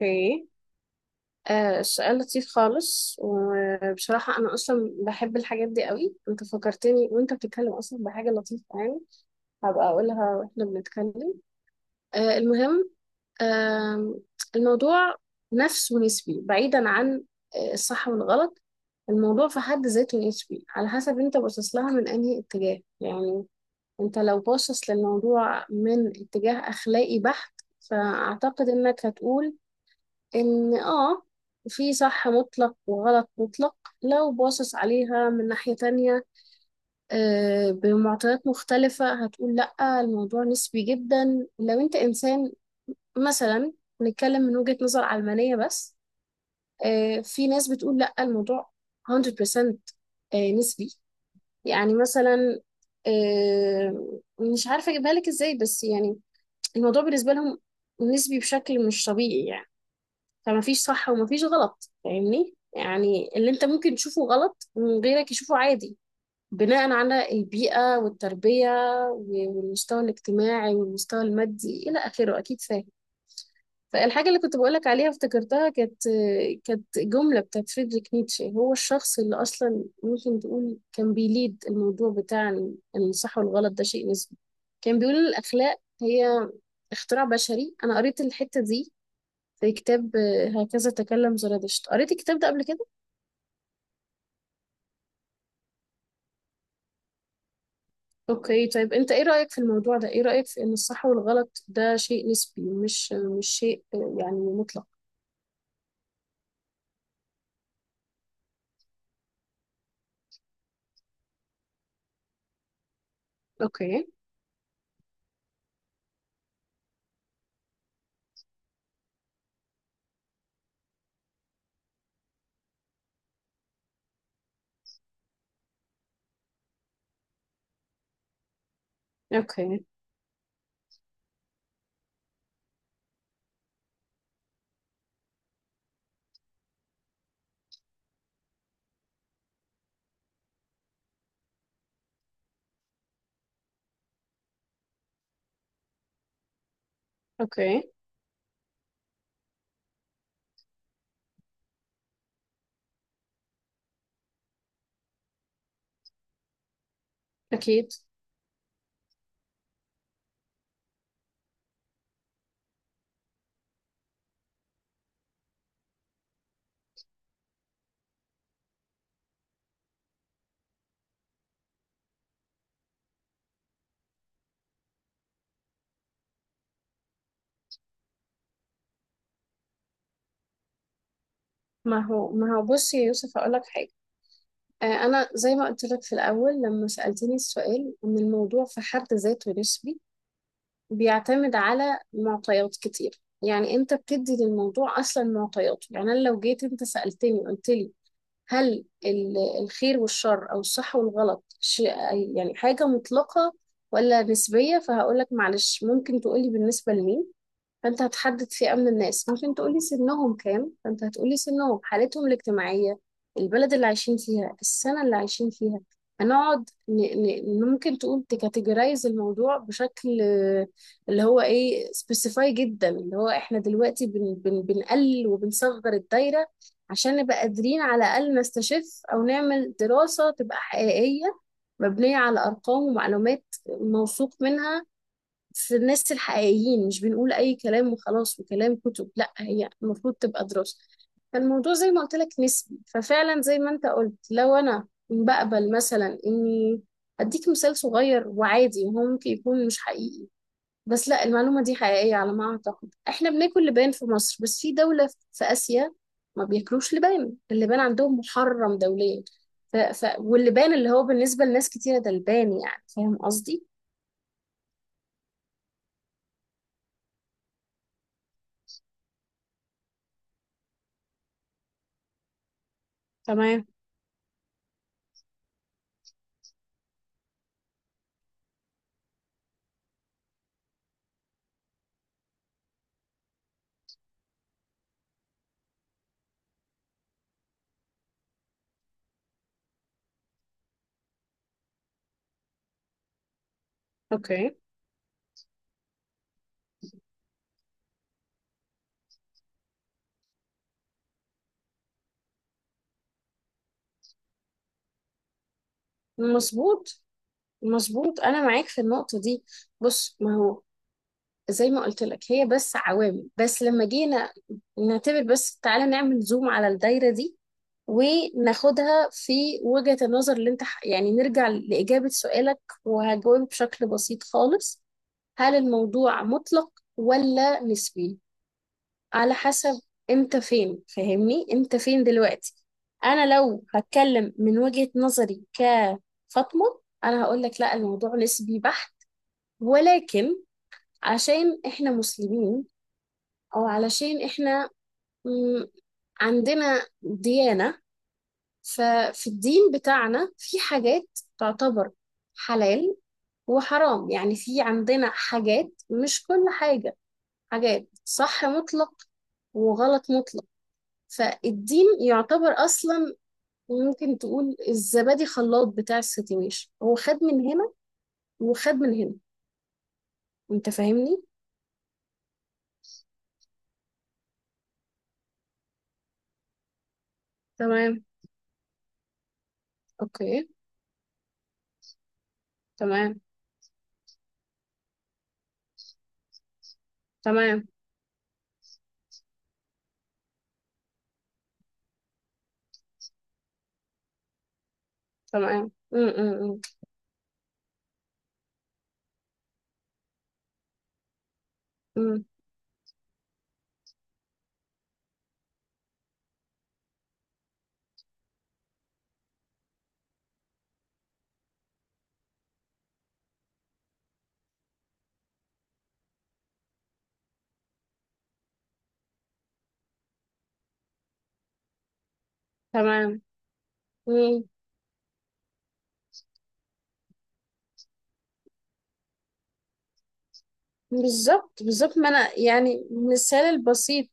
اوكي. السؤال لطيف خالص، وبصراحة أنا أصلا بحب الحاجات دي قوي. أنت فكرتني وأنت بتتكلم أصلا بحاجة لطيفة، يعني هبقى أقولها وإحنا بنتكلم. المهم. آه الموضوع نفس ونسبي بعيدا عن الصح والغلط. الموضوع في حد ذاته نسبي على حسب أنت باصص لها من أنهي اتجاه، يعني أنت لو باصص للموضوع من اتجاه أخلاقي بحت، فأعتقد إنك هتقول إن في صح مطلق وغلط مطلق. لو باصص عليها من ناحية تانية بمعطيات مختلفة، هتقول لأ الموضوع نسبي جدا. لو أنت إنسان مثلا نتكلم من وجهة نظر علمانية بس، في ناس بتقول لأ الموضوع 100% نسبي. يعني مثلا، مش عارفة أجيبها لك إزاي، بس يعني الموضوع بالنسبة لهم نسبي بشكل مش طبيعي يعني. فمفيش صح ومفيش غلط، فاهمني؟ يعني اللي انت ممكن تشوفه غلط غيرك يشوفه عادي، بناء على البيئة والتربية والمستوى الاجتماعي والمستوى المادي إلى آخره، أكيد فاهم. فالحاجة اللي كنت بقولك عليها افتكرتها، كانت جملة بتاعت فريدريك نيتشه. هو الشخص اللي أصلا ممكن تقول كان بيليد الموضوع بتاع إن الصح والغلط ده شيء نسبي. كان بيقول إن الأخلاق هي اختراع بشري. أنا قريت الحتة دي زي كتاب هكذا تكلم زرادشت. قريت الكتاب ده قبل كده؟ اوكي. طيب انت ايه رأيك في الموضوع ده؟ ايه رأيك في ان الصح والغلط ده شيء نسبي، مش شيء يعني مطلق؟ اوكي. اوكي. اوكي. اكيد. ما هو بص يا يوسف اقول لك حاجة. انا زي ما قلت لك في الاول لما سألتني السؤال، ان الموضوع في حد ذاته نسبي. بيعتمد على معطيات كتير، يعني انت بتدي للموضوع اصلا معطيات. يعني انا لو جيت انت سألتني قلت لي، هل الخير والشر او الصح والغلط شيء، يعني حاجة مطلقة ولا نسبية، فهقولك معلش ممكن تقولي بالنسبة لمين. فانت هتحدد فئة من الناس، ممكن تقولي سنهم كام، فانت هتقولي سنهم، حالتهم الاجتماعية، البلد اللي عايشين فيها، السنة اللي عايشين فيها. هنقعد ممكن تقول تكاتيجورايز الموضوع بشكل اللي هو ايه، سبيسيفاي جدا، اللي هو احنا دلوقتي بنقلل وبنصغر الدايرة عشان نبقى قادرين على الأقل نستشف أو نعمل دراسة تبقى حقيقية، مبنية على أرقام ومعلومات موثوق منها في الناس الحقيقيين. مش بنقول أي كلام وخلاص وكلام كتب، لا هي المفروض تبقى دراسة. فالموضوع زي ما قلت لك نسبي، ففعلا زي ما انت قلت، لو انا بقبل مثلا اني اديك مثال صغير وعادي، هو ممكن يكون مش حقيقي، بس لا المعلومة دي حقيقية على ما اعتقد. احنا بناكل لبان في مصر، بس في دولة في اسيا ما بياكلوش لبان، اللبان عندهم محرم دوليا. واللبان اللي هو بالنسبة لناس كتيرة ده لبان، يعني فاهم قصدي؟ تمام. اوكي. مظبوط. مظبوط، انا معاك في النقطه دي. بص، ما هو زي ما قلت لك هي بس عوامل، بس لما جينا نعتبر، بس تعالى نعمل زوم على الدايره دي، وناخدها في وجهه النظر اللي انت يعني نرجع لاجابه سؤالك. وهجاوب بشكل بسيط خالص، هل الموضوع مطلق ولا نسبي؟ على حسب امتى فين، فاهمني، امتى فين دلوقتي. انا لو هتكلم من وجهة نظري كفاطمة، انا هقول لك لا الموضوع نسبي بحت، ولكن عشان احنا مسلمين او علشان احنا مم، عندنا ديانة، ففي الدين بتاعنا في حاجات تعتبر حلال وحرام. يعني في عندنا حاجات، مش كل حاجة، حاجات صح مطلق وغلط مطلق. فالدين يعتبر اصلا، ممكن تقول الزبادي خلاط بتاع السيتويشن، هو خد من هنا وخد من هنا، انت فاهمني. تمام. اوكي. تمام. تمام. تمام. أم، أم، أم، أم. تمام. أم. بالظبط، بالظبط، ما انا يعني المثال البسيط.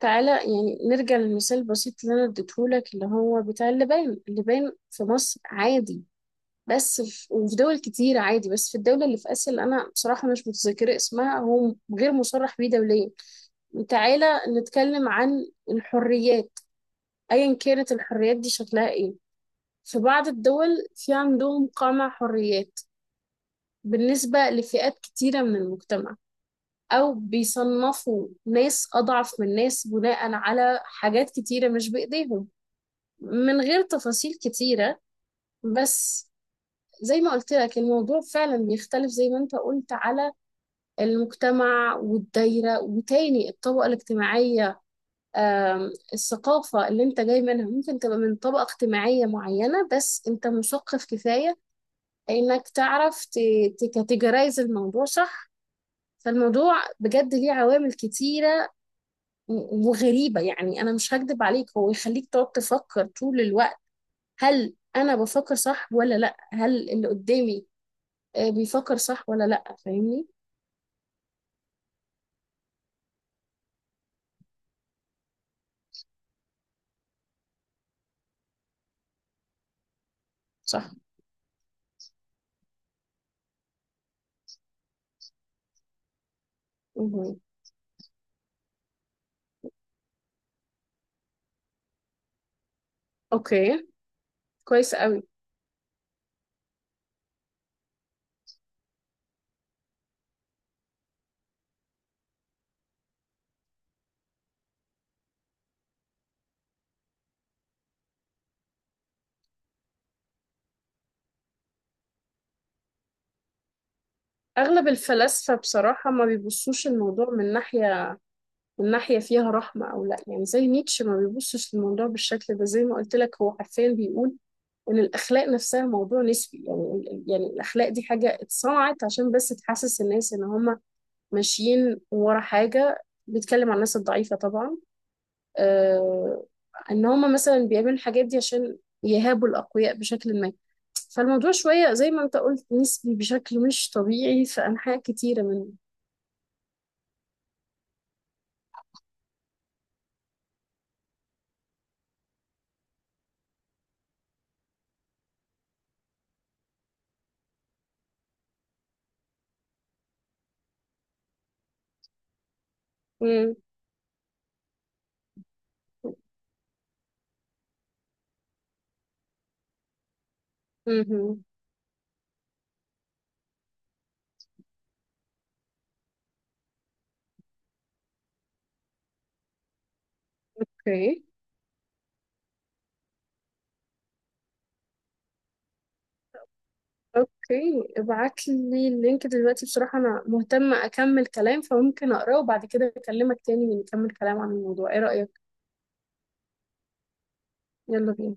تعالى يعني نرجع للمثال البسيط اللي انا اديتهولك، اللي هو بتاع اللبان. اللبان في مصر عادي، بس في وفي دول كتير عادي، بس في الدولة اللي في آسيا اللي أنا بصراحة مش متذكرة اسمها، هو غير مصرح بيه دوليا. تعالى نتكلم عن الحريات. أيا كانت الحريات دي شكلها إيه، في بعض الدول في عندهم قمع حريات بالنسبة لفئات كتيرة من المجتمع، أو بيصنفوا ناس أضعف من ناس بناء على حاجات كتيرة مش بإيديهم. من غير تفاصيل كتيرة، بس زي ما قلت لك الموضوع فعلا بيختلف زي ما انت قلت، على المجتمع والدايرة، وتاني الطبقة الاجتماعية. الثقافة اللي انت جاي منها ممكن تبقى من طبقة اجتماعية معينة، بس انت مثقف كفاية انك تعرف تكاتيجرايز الموضوع صح. فالموضوع بجد ليه عوامل كتيرة وغريبة، يعني انا مش هكدب عليك هو يخليك تقعد تفكر طول الوقت، هل انا بفكر صح ولا لا، هل اللي قدامي بيفكر صح ولا لا، فاهمني؟ صح. مهم. اوكي. كويس قوي. اغلب الفلاسفه بصراحه ما بيبصوش الموضوع من ناحيه، من ناحيه فيها رحمه او لا، يعني زي نيتشه ما بيبصش للموضوع بالشكل ده. زي ما قلت لك هو حرفيا بيقول ان الاخلاق نفسها موضوع نسبي، يعني يعني الاخلاق دي حاجه اتصنعت عشان بس تحسس الناس ان هم ماشيين ورا حاجه. بيتكلم عن الناس الضعيفه طبعا. آه ان هم مثلا بيعملوا الحاجات دي عشان يهابوا الاقوياء بشكل ما. فالموضوع شوية زي ما انت قلت نسبي بشكل مش طبيعي في أنحاء كتيرة. امم. امم. اوكي. اوكي، ابعت لي اللينك دلوقتي، بصراحة انا مهتمة اكمل كلام، فممكن اقراه وبعد كده اكلمك تاني نكمل كلام عن الموضوع، ايه رأيك؟ يلا بينا.